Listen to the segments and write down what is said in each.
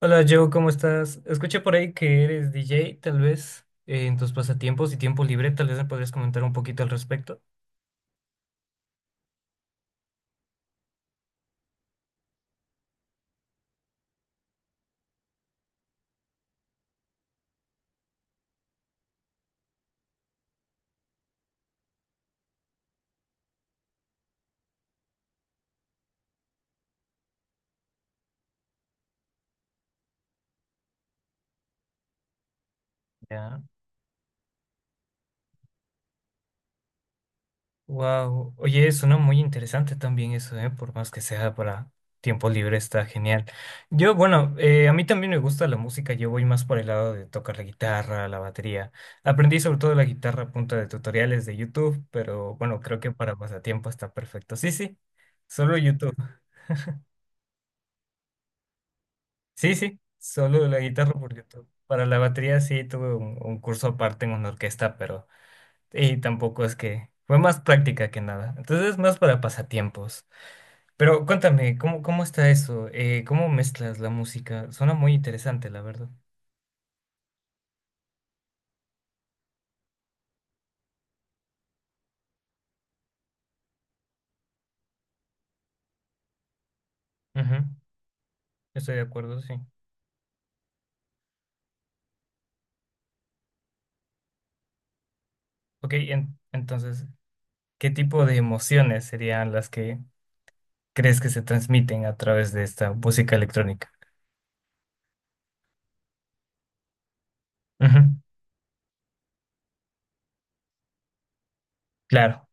Hola Joe, ¿cómo estás? Escuché por ahí que eres DJ, tal vez, en tus pasatiempos y tiempo libre, tal vez me podrías comentar un poquito al respecto. Ya. Wow. Oye, suena muy interesante también eso, ¿eh? Por más que sea para tiempo libre, está genial. Yo, bueno, a mí también me gusta la música, yo voy más por el lado de tocar la guitarra, la batería. Aprendí sobre todo la guitarra a punta de tutoriales de YouTube, pero bueno, creo que para pasatiempo está perfecto. Sí, sí, solo YouTube. Sí, sí, solo la guitarra porque para la batería sí tuve un curso aparte en una orquesta, pero y tampoco es que fue más práctica que nada. Entonces más para pasatiempos. Pero cuéntame, ¿cómo, cómo está eso? ¿Cómo mezclas la música? Suena muy interesante, la verdad. Ujú. Estoy de acuerdo, sí. Ok, entonces, ¿qué tipo de emociones serían las que crees que se transmiten a través de esta música electrónica? Ujú. Claro.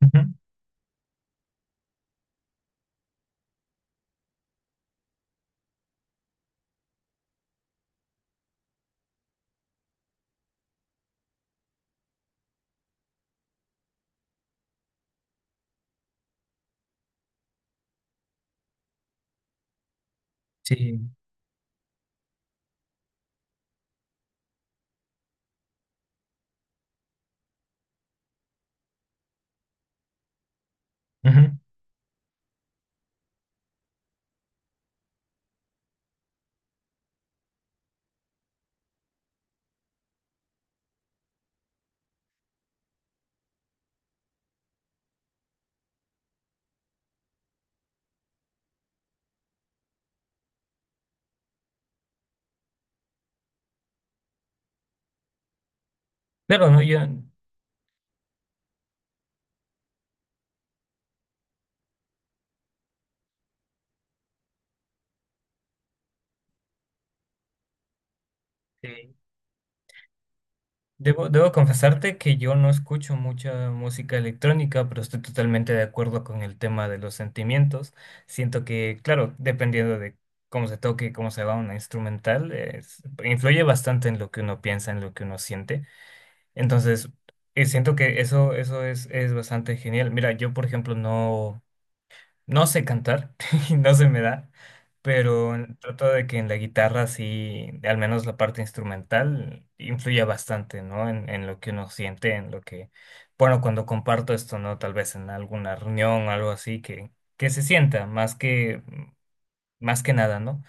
Ujú. Sí. Ujú. Claro, no, yo... sí. Debo, debo confesarte que yo no escucho mucha música electrónica, pero estoy totalmente de acuerdo con el tema de los sentimientos. Siento que, claro, dependiendo de cómo se toque, cómo se va una instrumental, influye bastante en lo que uno piensa, en lo que uno siente. Entonces, siento que eso es bastante genial. Mira, yo, por ejemplo, no... No sé cantar, no se me da, pero trato de que en la guitarra sí, al menos la parte instrumental, influya bastante, ¿no? En lo que uno siente, en lo que, bueno, cuando comparto esto, ¿no? Tal vez en alguna reunión o algo así, que se sienta, más que nada, ¿no?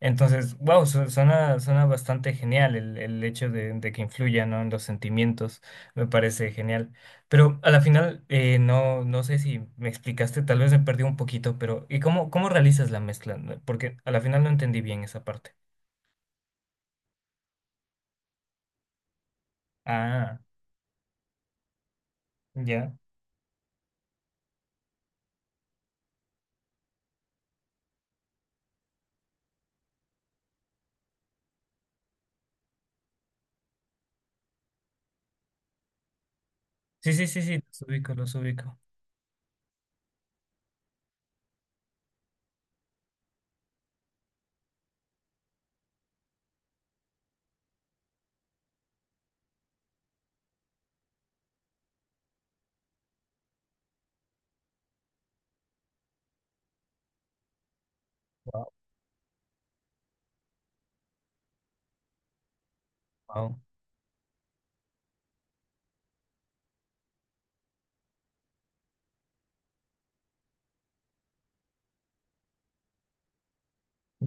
Entonces, wow, suena, suena bastante genial el hecho de que influya, ¿no? En los sentimientos, me parece genial. Pero a la final, no, no sé si me explicaste, tal vez me perdí un poquito, pero ¿y cómo, cómo realizas la mezcla? No, porque a la final no entendí bien esa parte. Ah, ya. Sí, sí, sí, sí, los ubico, los ubico. Wow, wow,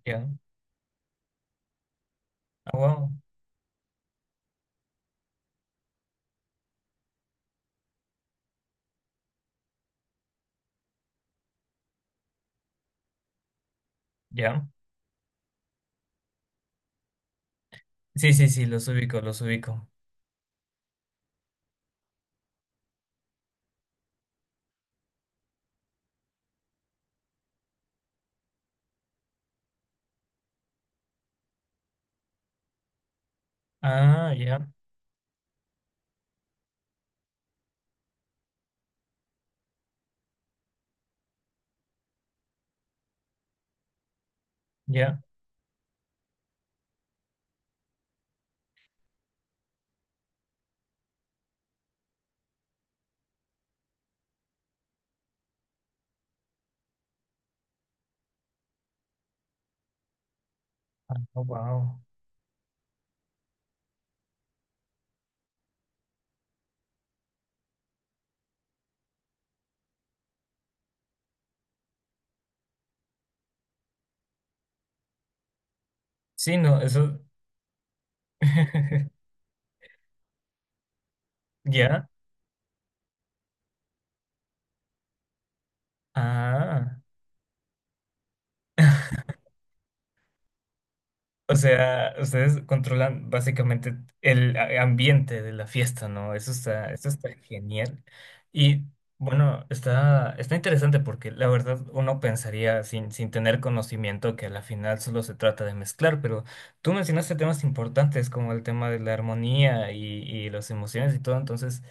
ya. Ah, wow, ya. Sí, sí, sí, los ubico, los ubico. Ah, ya, ya. Oh, wow. Sí, no, eso. ¿Ya? Ah. O sea, ustedes controlan básicamente ambiente de la fiesta, ¿no? Eso está genial. Y bueno, está, está interesante porque la verdad uno pensaría sin, sin tener conocimiento que a la final solo se trata de mezclar, pero tú mencionaste temas importantes como el tema de la armonía y las emociones y todo, entonces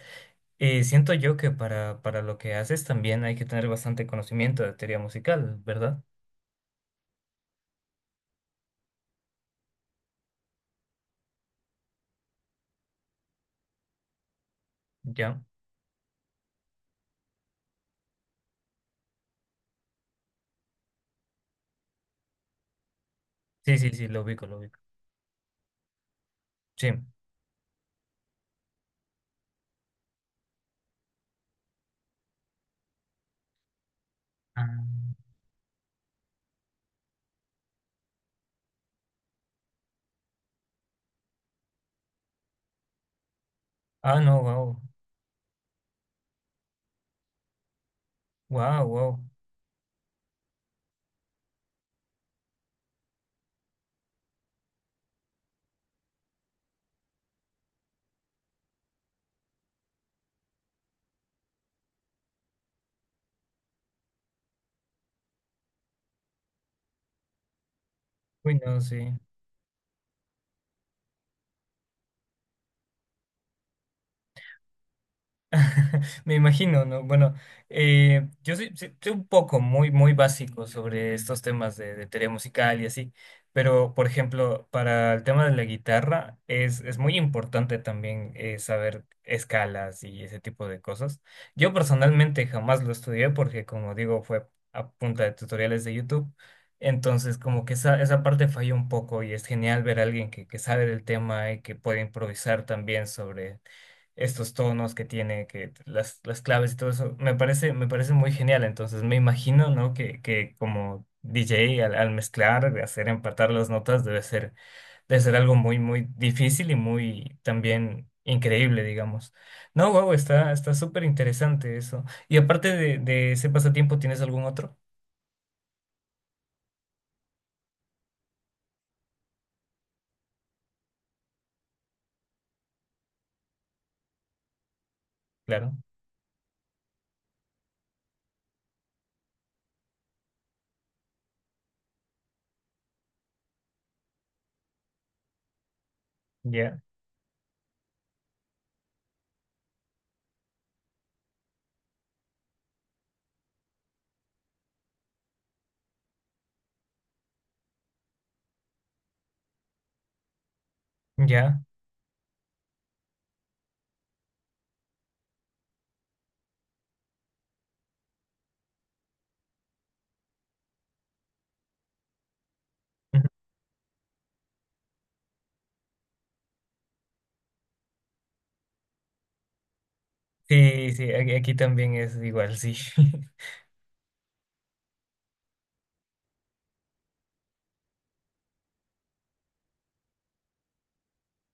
siento yo que para lo que haces también hay que tener bastante conocimiento de teoría musical, ¿verdad? Ya. Sí, sí, sí, lo ubico, lo ubico. Sí. Ah. Ah, no, wow. Wow, wow. Uy, no, sí. Me imagino, ¿no? Bueno, yo soy, soy un poco muy, muy básico sobre estos temas de teoría musical y así, pero por ejemplo, para el tema de la guitarra es muy importante también saber escalas y ese tipo de cosas. Yo personalmente jamás lo estudié porque, como digo, fue a punta de tutoriales de YouTube, entonces como que esa parte falló un poco y es genial ver a alguien que sabe del tema y que puede improvisar también sobre estos tonos que tiene, que las claves y todo eso, me parece muy genial. Entonces me imagino, ¿no? Que como DJ al, al mezclar, de hacer empatar las notas debe ser algo muy, muy difícil y muy también increíble, digamos. No, wow, está, está súper interesante eso. Y aparte de ese pasatiempo, ¿tienes algún otro? Claro, ya, ya. Ujú. Sí, sí, aquí, aquí también es igual, sí.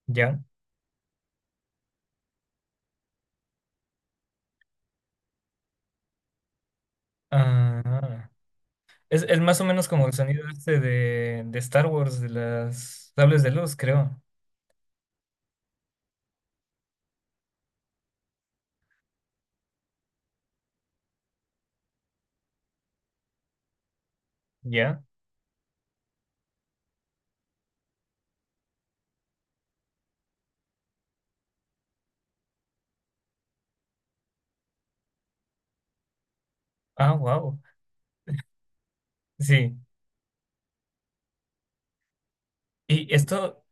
Ya. Ah. Es más o menos como el sonido este de Star Wars, de las sables de luz, creo. ¿Ya? Ah, wow. Sí. Y esto,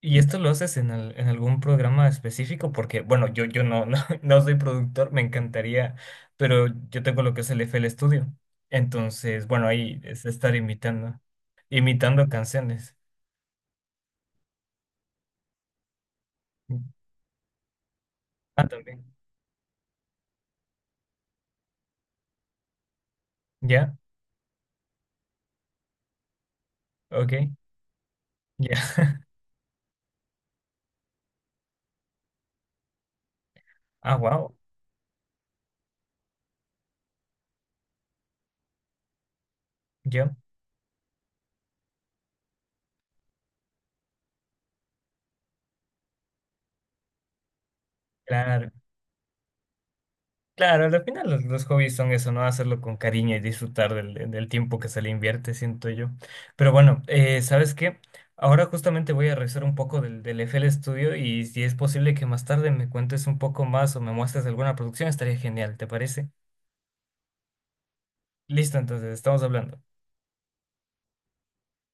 y esto lo haces en, en algún programa específico, porque, bueno, yo no, no, no soy productor, me encantaría, pero yo tengo lo que es el F FL Studio. Entonces, bueno, ahí es estar imitando, imitando canciones. Ah, también. ¿Ya? Ok. Ya. Ah, wow. Yo. Claro, claro, al final los hobbies son eso, ¿no? Hacerlo con cariño y disfrutar del, del tiempo que se le invierte, siento yo. Pero bueno, ¿sabes qué? Ahora justamente voy a revisar un poco del, del FL Studio y si es posible que más tarde me cuentes un poco más o me muestres alguna producción, estaría genial, ¿te parece? Listo, entonces, estamos hablando.